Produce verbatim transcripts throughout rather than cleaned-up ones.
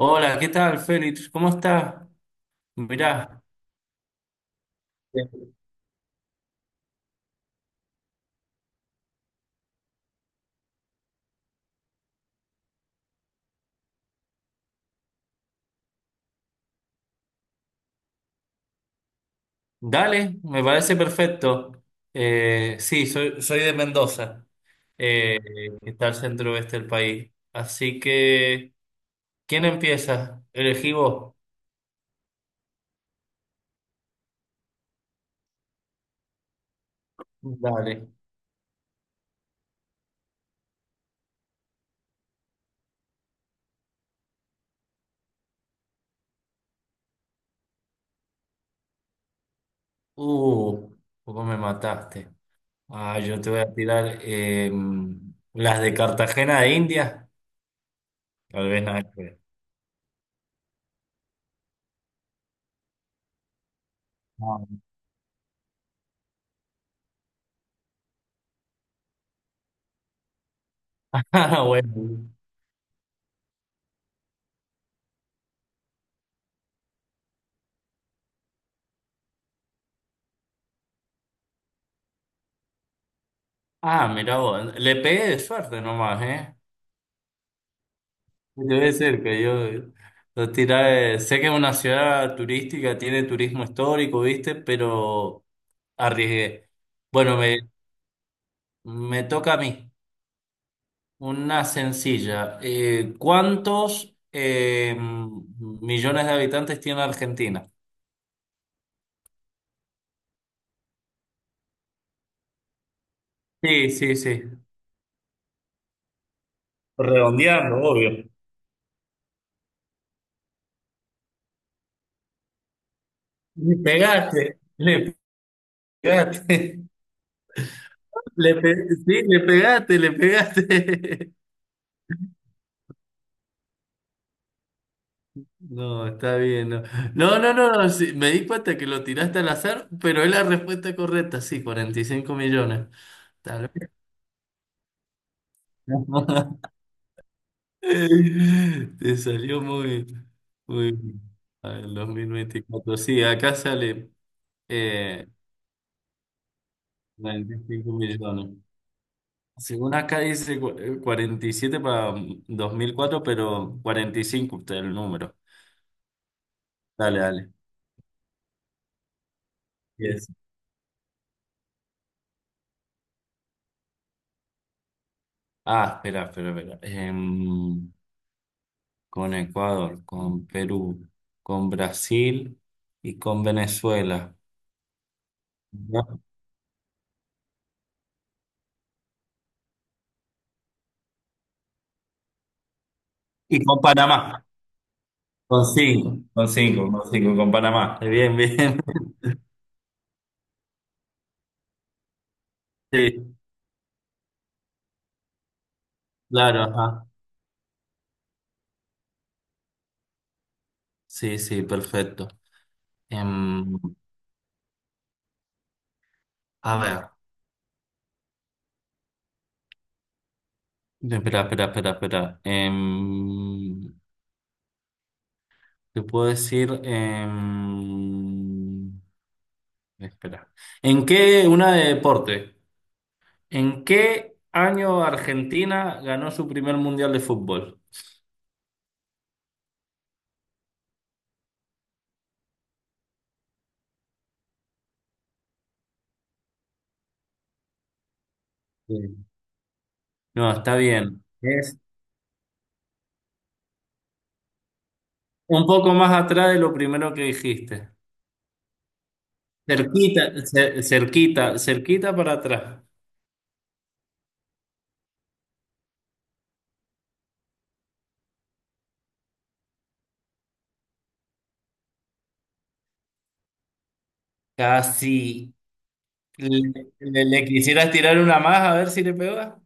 Hola, ¿qué tal, Félix? ¿Cómo estás? Mirá. Bien. Dale, me parece perfecto. Eh, sí, soy, soy de Mendoza, eh, que está al centro oeste del país. Así que, ¿quién empieza? Elegí vos. Dale. Uh, poco me mataste. Ah, yo te voy a tirar eh, las de Cartagena de India. Tal vez nada que ver. Ah, bueno. Ah, mira, vos. Le pegué de suerte nomás, ¿eh? Debe ser que yo, yo tiré- sé que es una ciudad turística, tiene turismo histórico, ¿viste? Pero arriesgué. Bueno, me, me toca a mí. Una sencilla. Eh, ¿cuántos eh, millones de habitantes tiene Argentina? Sí, sí, sí. Redondeando, obvio. Le pegaste, le pegaste. Le pe- sí, le pegaste, le pegaste. No, está bien. No, no, no, no, no, sí, me di cuenta que lo tiraste al azar, pero es la respuesta correcta, sí, cuarenta y cinco millones. Tal vez. Te salió muy, muy bien. A ver, dos mil veinticuatro. Sí, acá sale eh, cuarenta y cinco millones. Según acá dice cu- eh, cuarenta y siete para mm, dos mil cuatro, pero cuarenta y cinco, usted el número. Dale, dale. Yes. Ah, espera, espera, espera. Em, con Ecuador, con Perú, con Brasil y con Venezuela. ¿Ya? Y con Panamá, con cinco, con cinco, con cinco, con Panamá. Eh, Bien, bien. Sí, claro, ajá. Sí, sí, perfecto. Em, a ver, espera, espera, espera, espera. Em, te puedo decir, em, espera. ¿En qué, una de deporte. ¿En qué año Argentina ganó su primer mundial de fútbol? Sí. No, está bien. Es un poco más atrás de lo primero que dijiste. Cerquita, cer- cerquita, cerquita para atrás. Casi. ¿Le, le- le quisieras tirar una más a ver si le pega?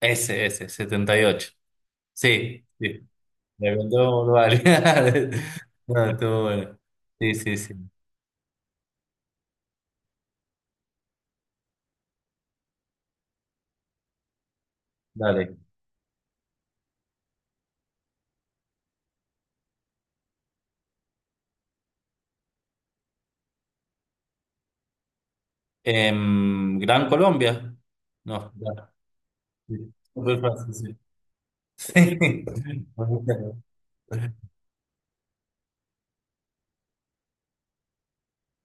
Ese, ese, setenta y ocho. Sí, sí. Le contó un No, estuvo bueno. Sí, sí, sí. Dale. Em, Gran Colombia. No, ya. Sí. Súper fácil, sí. Sí.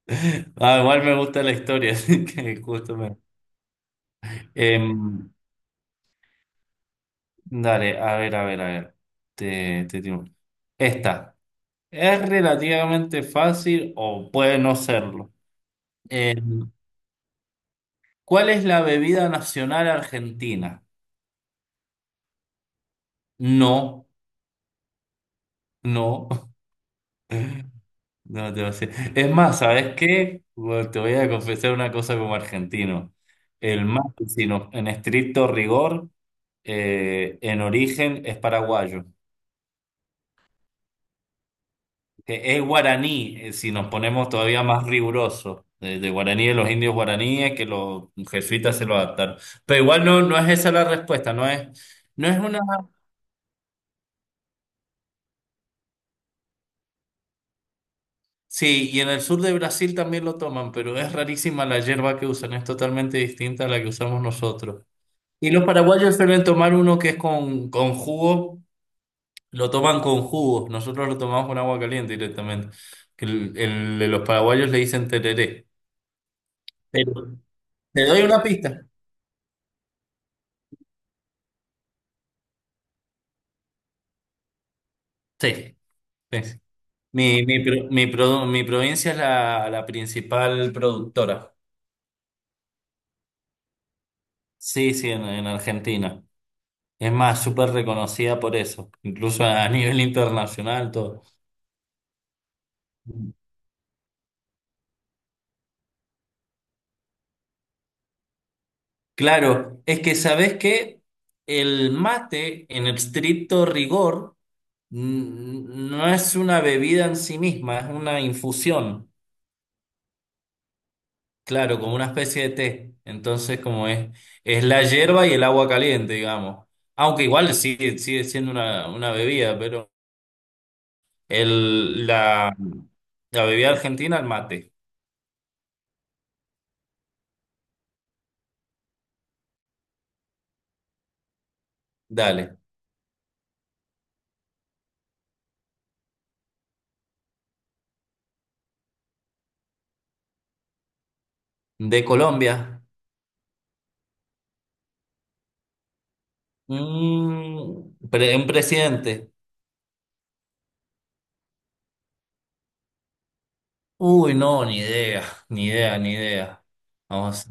Ah, igual me gusta la historia, así que justo me. Em, dale, a ver, a ver, a ver. Te, te digo. Esta. Es relativamente fácil o puede no serlo. Em, ¿cuál es la bebida nacional argentina? No, no, no te voy a decir. Es más, ¿sabes qué? Bueno, te voy a confesar una cosa como argentino. El mate, si no- en estricto rigor, eh, en origen es paraguayo. Eh, Es guaraní, eh, si nos ponemos todavía más rigurosos, de, de guaraní de los indios guaraníes, que los jesuitas se lo adaptaron. Pero igual no, no es esa la respuesta, no es, no es una. Sí, y en el sur de Brasil también lo toman, pero es rarísima la hierba que usan, es totalmente distinta a la que usamos nosotros. Y los paraguayos suelen tomar uno que es con, con jugo, lo toman con jugo, nosotros lo tomamos con agua caliente directamente. Que El, el de los paraguayos le dicen tereré. Pero te doy una pista. Sí. Sí. Mi, mi, pro- mi, produ mi provincia es la, la principal productora. Sí, sí, en, en Argentina. Es más, súper reconocida por eso, incluso a nivel internacional, todo. Claro, es que sabes que el mate, en estricto rigor, n- no es una bebida en sí misma, es una infusión. Claro, como una especie de té. Entonces, como es, es la hierba y el agua caliente, digamos. Aunque igual sigue, sigue siendo una, una bebida, pero el, la, la bebida argentina, el mate. Dale. De Colombia. mm, pre- un presidente. Uy, no, ni idea, ni idea, ni idea. Vamos.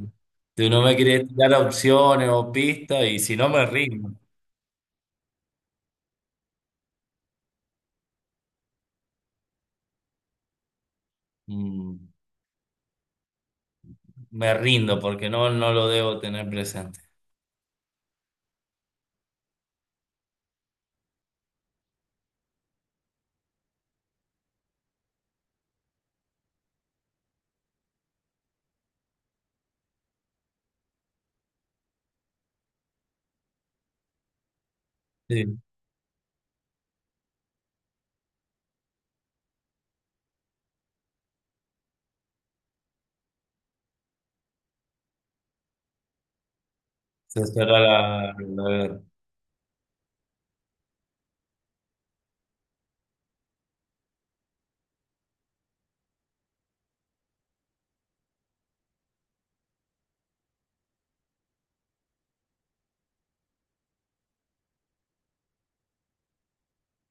Tú no me quieres dar opciones o pistas, y si no, me rindo. Mm, me rindo porque no, no lo debo tener presente. Sí. Se cierra la, la.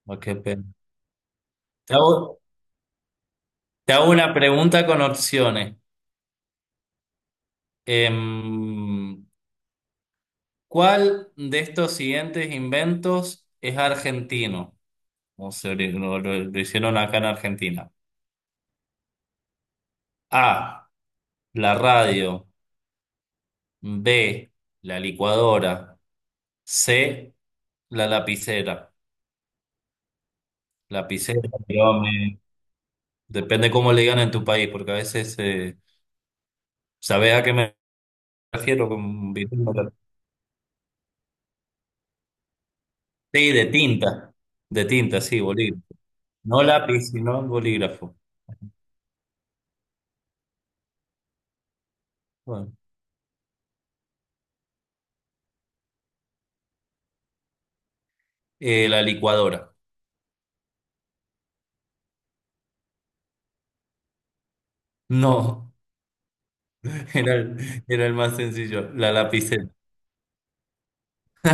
Oh, qué pena. Te hago, te hago una pregunta con opciones. Em, ¿cuál de estos siguientes inventos es argentino? O se ori- lo, lo- lo hicieron acá en Argentina. A, la radio. B, la licuadora. C, la lapicera. Lapicera, digamos, depende cómo le digan en tu país, porque a veces eh, sabes a qué me refiero con. Sí, de tinta, de tinta, sí, bolígrafo. No lápiz, sino bolígrafo. Bueno, eh, la licuadora. No, era el, era el más sencillo, la lapicera.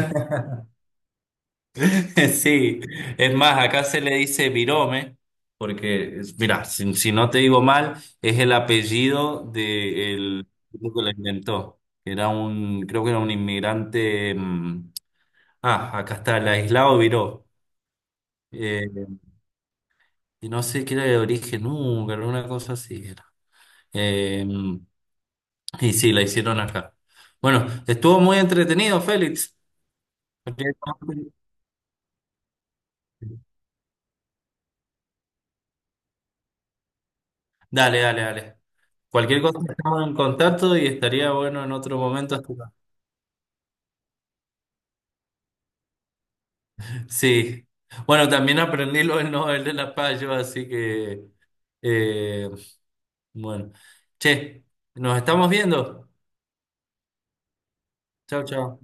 Sí, es más, acá se le dice virome, porque, es- mira, si, si no te digo mal, es el apellido de el tipo que la inventó. Era un, creo que era un inmigrante. mm, ah, acá está, el aislado Viró. Eh, y no sé qué era de origen, nunca, una cosa así. Eh, y sí, la hicieron acá. Bueno, estuvo muy entretenido, Félix. Dale, dale, dale. Cualquier cosa estamos en contacto y estaría bueno en otro momento. Sí. Bueno, también aprendí lo del Nobel de la Paz, yo, así que, eh, bueno. Che, nos estamos viendo. Chao, chao.